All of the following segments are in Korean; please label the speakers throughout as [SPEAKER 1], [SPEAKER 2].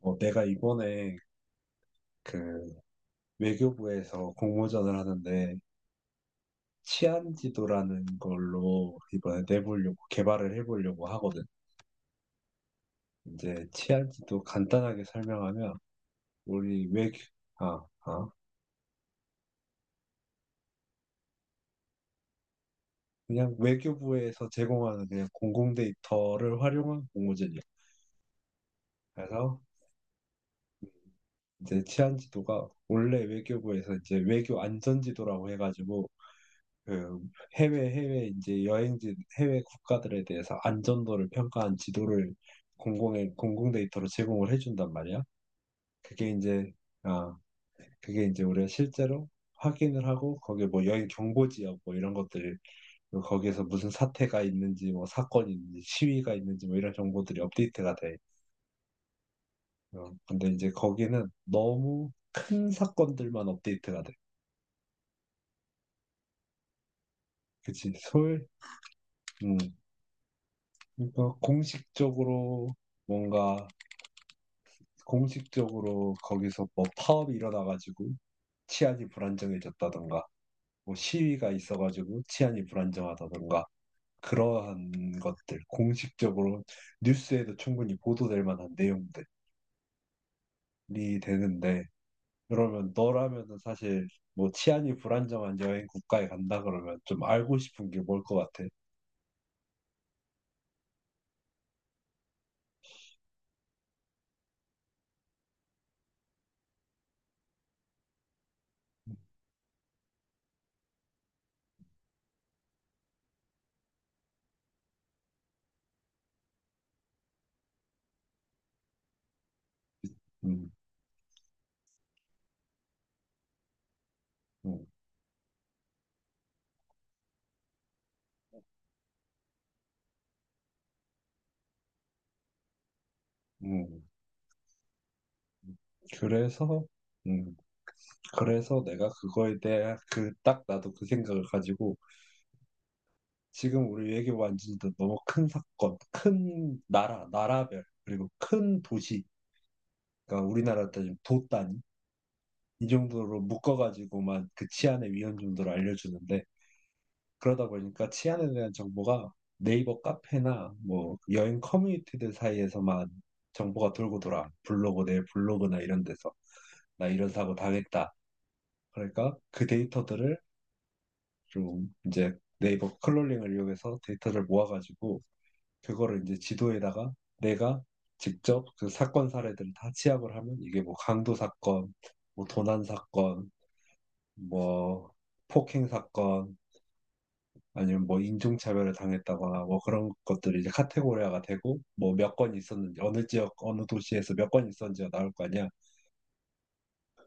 [SPEAKER 1] 내가 이번에 그 외교부에서 공모전을 하는데 치안 지도라는 걸로 이번에 내보려고 개발을 해보려고 하거든. 이제 치안 지도 간단하게 설명하면 우리 외교 아, 아 그냥 외교부에서 제공하는 그냥 공공 데이터를 활용한 공모전이야. 그래서 이제 치안 지도가 원래 외교부에서 이제 외교 안전 지도라고 해가지고 그 해외 해외 이제 여행지 해외 국가들에 대해서 안전도를 평가한 지도를 공공 데이터로 제공을 해준단 말이야. 그게 이제 아 그게 이제 우리가 실제로 확인을 하고 거기에 뭐 여행 경보 지역 뭐 이런 것들, 그리고 거기에서 무슨 사태가 있는지 뭐 사건이 있는지 시위가 있는지 뭐 이런 정보들이 업데이트가 돼. 근데 이제 거기는 너무 큰 사건들만 업데이트가 돼. 그치? 음, 그러니까 공식적으로 뭔가 공식적으로 거기서 뭐 파업이 일어나가지고 치안이 불안정해졌다던가 뭐 시위가 있어가지고 치안이 불안정하다던가 그러한 것들, 공식적으로 뉴스에도 충분히 보도될 만한 내용들이 되는데, 그러면 너라면은 사실 뭐 치안이 불안정한 여행 국가에 간다 그러면 좀 알고 싶은 게 뭘 것 같아? 음. 음. 음. 그래서 음, 그래서 내가 그거에 대해 그 딱 나도 그 생각을 가지고 지금 우리 외교 완전히 너무 큰 사건, 큰 나라, 나라별, 그리고 큰 도시, 그러니까 우리나라 따지면 도 단위, 이 정도로 묶어가지고만 그 치안의 위험 정도를 알려주는데, 그러다 보니까 치안에 대한 정보가 네이버 카페나 뭐 여행 커뮤니티들 사이에서만 정보가 돌고 돌아. 내 블로그나 이런 데서. 나 이런 사고 당했다. 그러니까 그 데이터들을 좀 이제 네이버 클롤링을 이용해서 데이터를 모아가지고 그거를 이제 지도에다가 내가 직접 그 사건 사례들을 다 취합을 하면, 이게 뭐 강도 사건, 뭐 도난 사건, 뭐 폭행 사건, 아니면 뭐 인종차별을 당했다거나 뭐 그런 것들이 이제 카테고리화가 되고 뭐 몇 건 있었는지, 어느 지역 어느 도시에서 몇 건 있었는지가 나올 거 아니야.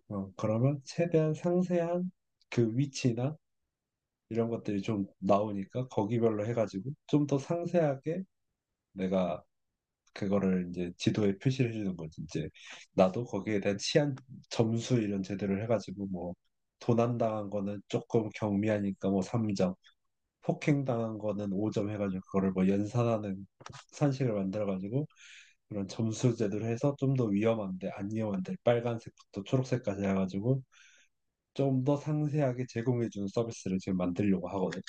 [SPEAKER 1] 그러면 최대한 상세한 그 위치나 이런 것들이 좀 나오니까 거기별로 해가지고 좀 더 상세하게 내가 그거를 이제 지도에 표시를 해주는 거지. 이제 나도 거기에 대한 치안 점수 이런 제대로 해가지고 뭐 도난 당한 거는 조금 경미하니까 뭐 3점, 폭행 당한 거는 5점 해가지고, 그거를 뭐 연산하는 산식을 만들어가지고 그런 점수 제도를 해서 좀 더 위험한데 안 위험한데, 빨간색부터 초록색까지 해가지고 좀 더 상세하게 제공해주는 서비스를 지금 만들려고 하거든.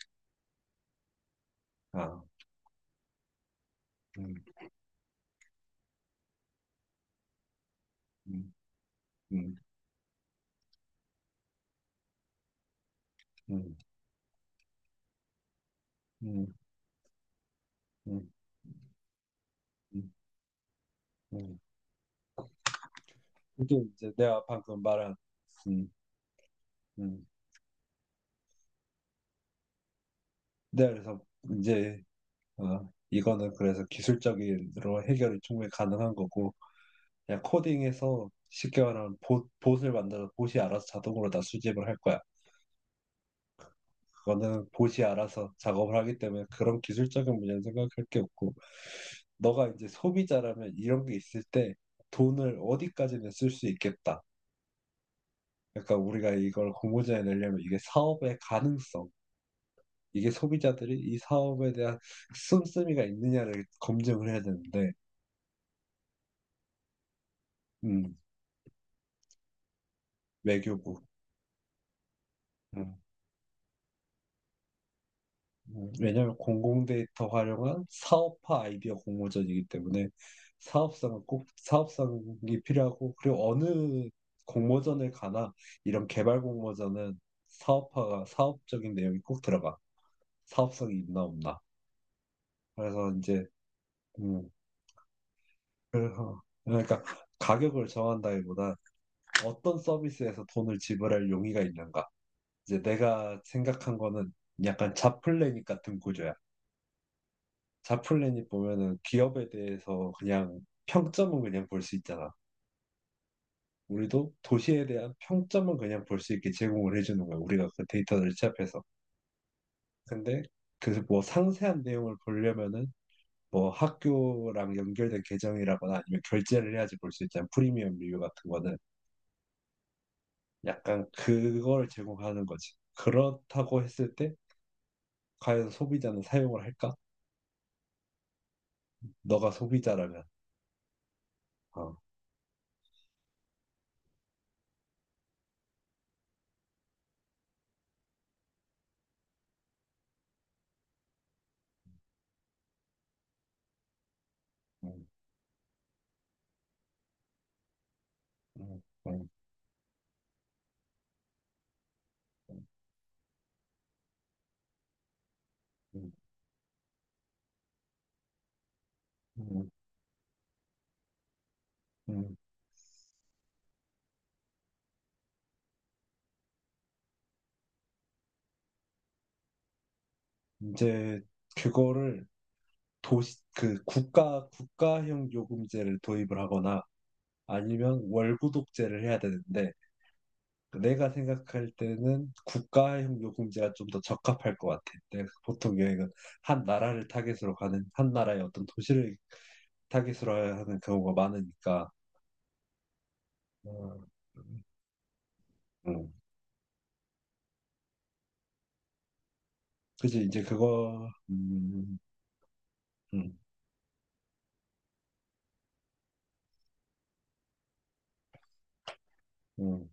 [SPEAKER 1] 아, 음. 음. 음. 음. 음. 음. 음. 음. 그게 이제 내가 방금 말한, 음, 음. 네, 그래서 이제, 이거는 그래서 기술적으로 해결이 충분히 가능한 거고, 그냥 코딩해서 쉽게 말하면 봇을 만들어 봇이 알아서 자동으로 다 수집을 할 거야. 그거는 봇이 알아서 작업을 하기 때문에 그런 기술적인 문제는 생각할 게 없고, 너가 이제 소비자라면 이런 게 있을 때 돈을 어디까지는 쓸 수 있겠다. 그러니까 우리가 이걸 공모전에 내려면 이게 사업의 가능성, 이게 소비자들이 이 사업에 대한 씀씀이가 있느냐를 검증을 해야 되는데, 음. 외교부. 음. 왜냐하면 공공 데이터 활용한 사업화 아이디어 공모전이기 때문에, 사업성은 꼭 사업성이 필요하고, 그리고 어느 공모전을 가나 이런 개발 공모전은 사업화가 사업적인 내용이 꼭 들어가. 사업성이 있나 없나. 그래서 이제 음, 그래서 그러니까 가격을 정한다기보다 어떤 서비스에서 돈을 지불할 용의가 있는가. 이제 내가 생각한 거는 약간 자플래닛 같은 구조야. 자플래닛 보면은 기업에 대해서 그냥 평점은 그냥 볼 수 있잖아. 우리도 도시에 대한 평점은 그냥 볼 수 있게 제공을 해주는 거야, 우리가 그 데이터를 취합해서. 근데 그 뭐 상세한 내용을 보려면은 뭐 학교랑 연결된 계정이라거나 아니면 결제를 해야지 볼 수 있잖아. 프리미엄 리뷰 같은 거는 약간 그걸 제공하는 거지. 그렇다고 했을 때 과연 소비자는 사용을 할까? 너가 소비자라면. 어. 음. 음. 음. 음. 음. 음. 이제 그거를 도시 그 국가 국가형 요금제를 도입을 하거나 아니면 월구독제를 해야 되는데, 내가 생각할 때는 국가형 요금제가 좀 더 적합할 것 같아. 내가 보통 여행은 한 나라를 타겟으로 가는, 한 나라의 어떤 도시를 타겟으로 하는 경우가 많으니까. 음. 음. 그지. 이제 그거. 음, 음,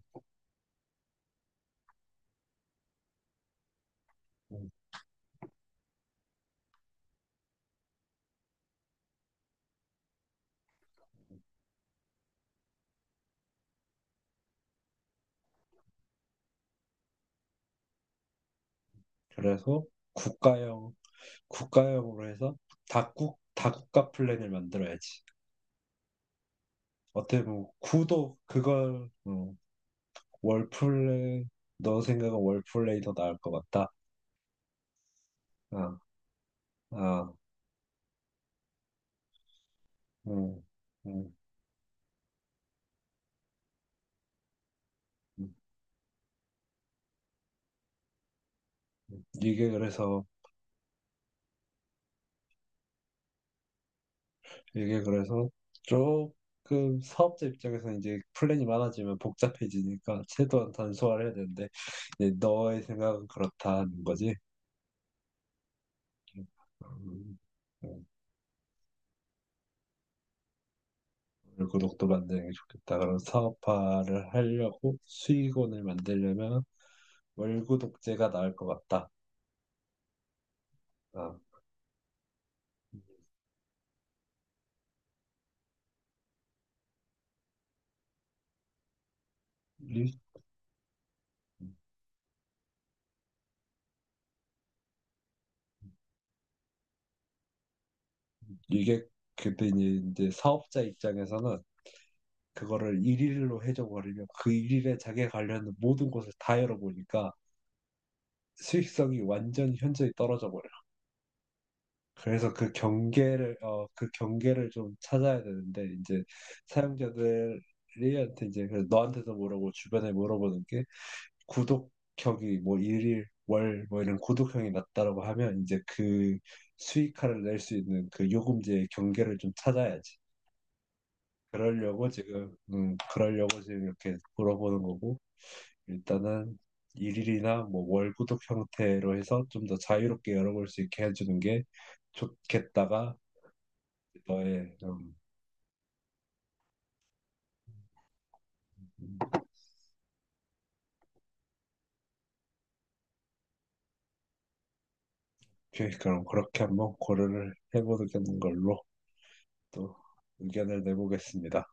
[SPEAKER 1] 음. 그래서 국가형 국가형으로 해서 다국가 플랜을 만들어야지. 어때 면 구도 그걸 월플레이 너 생각은 월플레이 더 나을 것 같다. 아, 아, 음. 음. 음. 음. 이게 그래서 조금 사업자 입장에서 이제 플랜이 많아지면 복잡해지니까 최대한 단소화를 해야 되는데, 이제 너의 생각은 그렇다는 거지. 음. 음. 구독도 만드는 게 좋겠다. 그럼 사업화를 하려고 수익원을 만들려면 월구독제가 나을 것 같다. 아, 이- 이게 그때 이제 사업자 입장에서는 그거를 일일로 해줘버리면 그 일일에 자기가 관련된 모든 곳을 다 열어보니까 수익성이 완전히 현저히 떨어져 버려. 그래서 그 경계를 좀 찾아야 되는데, 이제 사용자들한테 이제 그래서 너한테도 물어보고 주변에 물어보는 게, 구독형이 뭐 일일 월 뭐 이런 구독형이 낮다라고 하면 이제 그 수익화를 낼 수 있는 그 요금제의 경계를 좀 찾아야지. 그러려고 지금 이렇게 물어보는 거고, 일단은 일일이나 뭐 월 구독 형태로 해서 좀 더 자유롭게 열어볼 수 있게 해주는 게 좋겠다가 너의 계획, 그럼 그렇게 한번 고려를 해보는 걸로 또 의견을 내보겠습니다.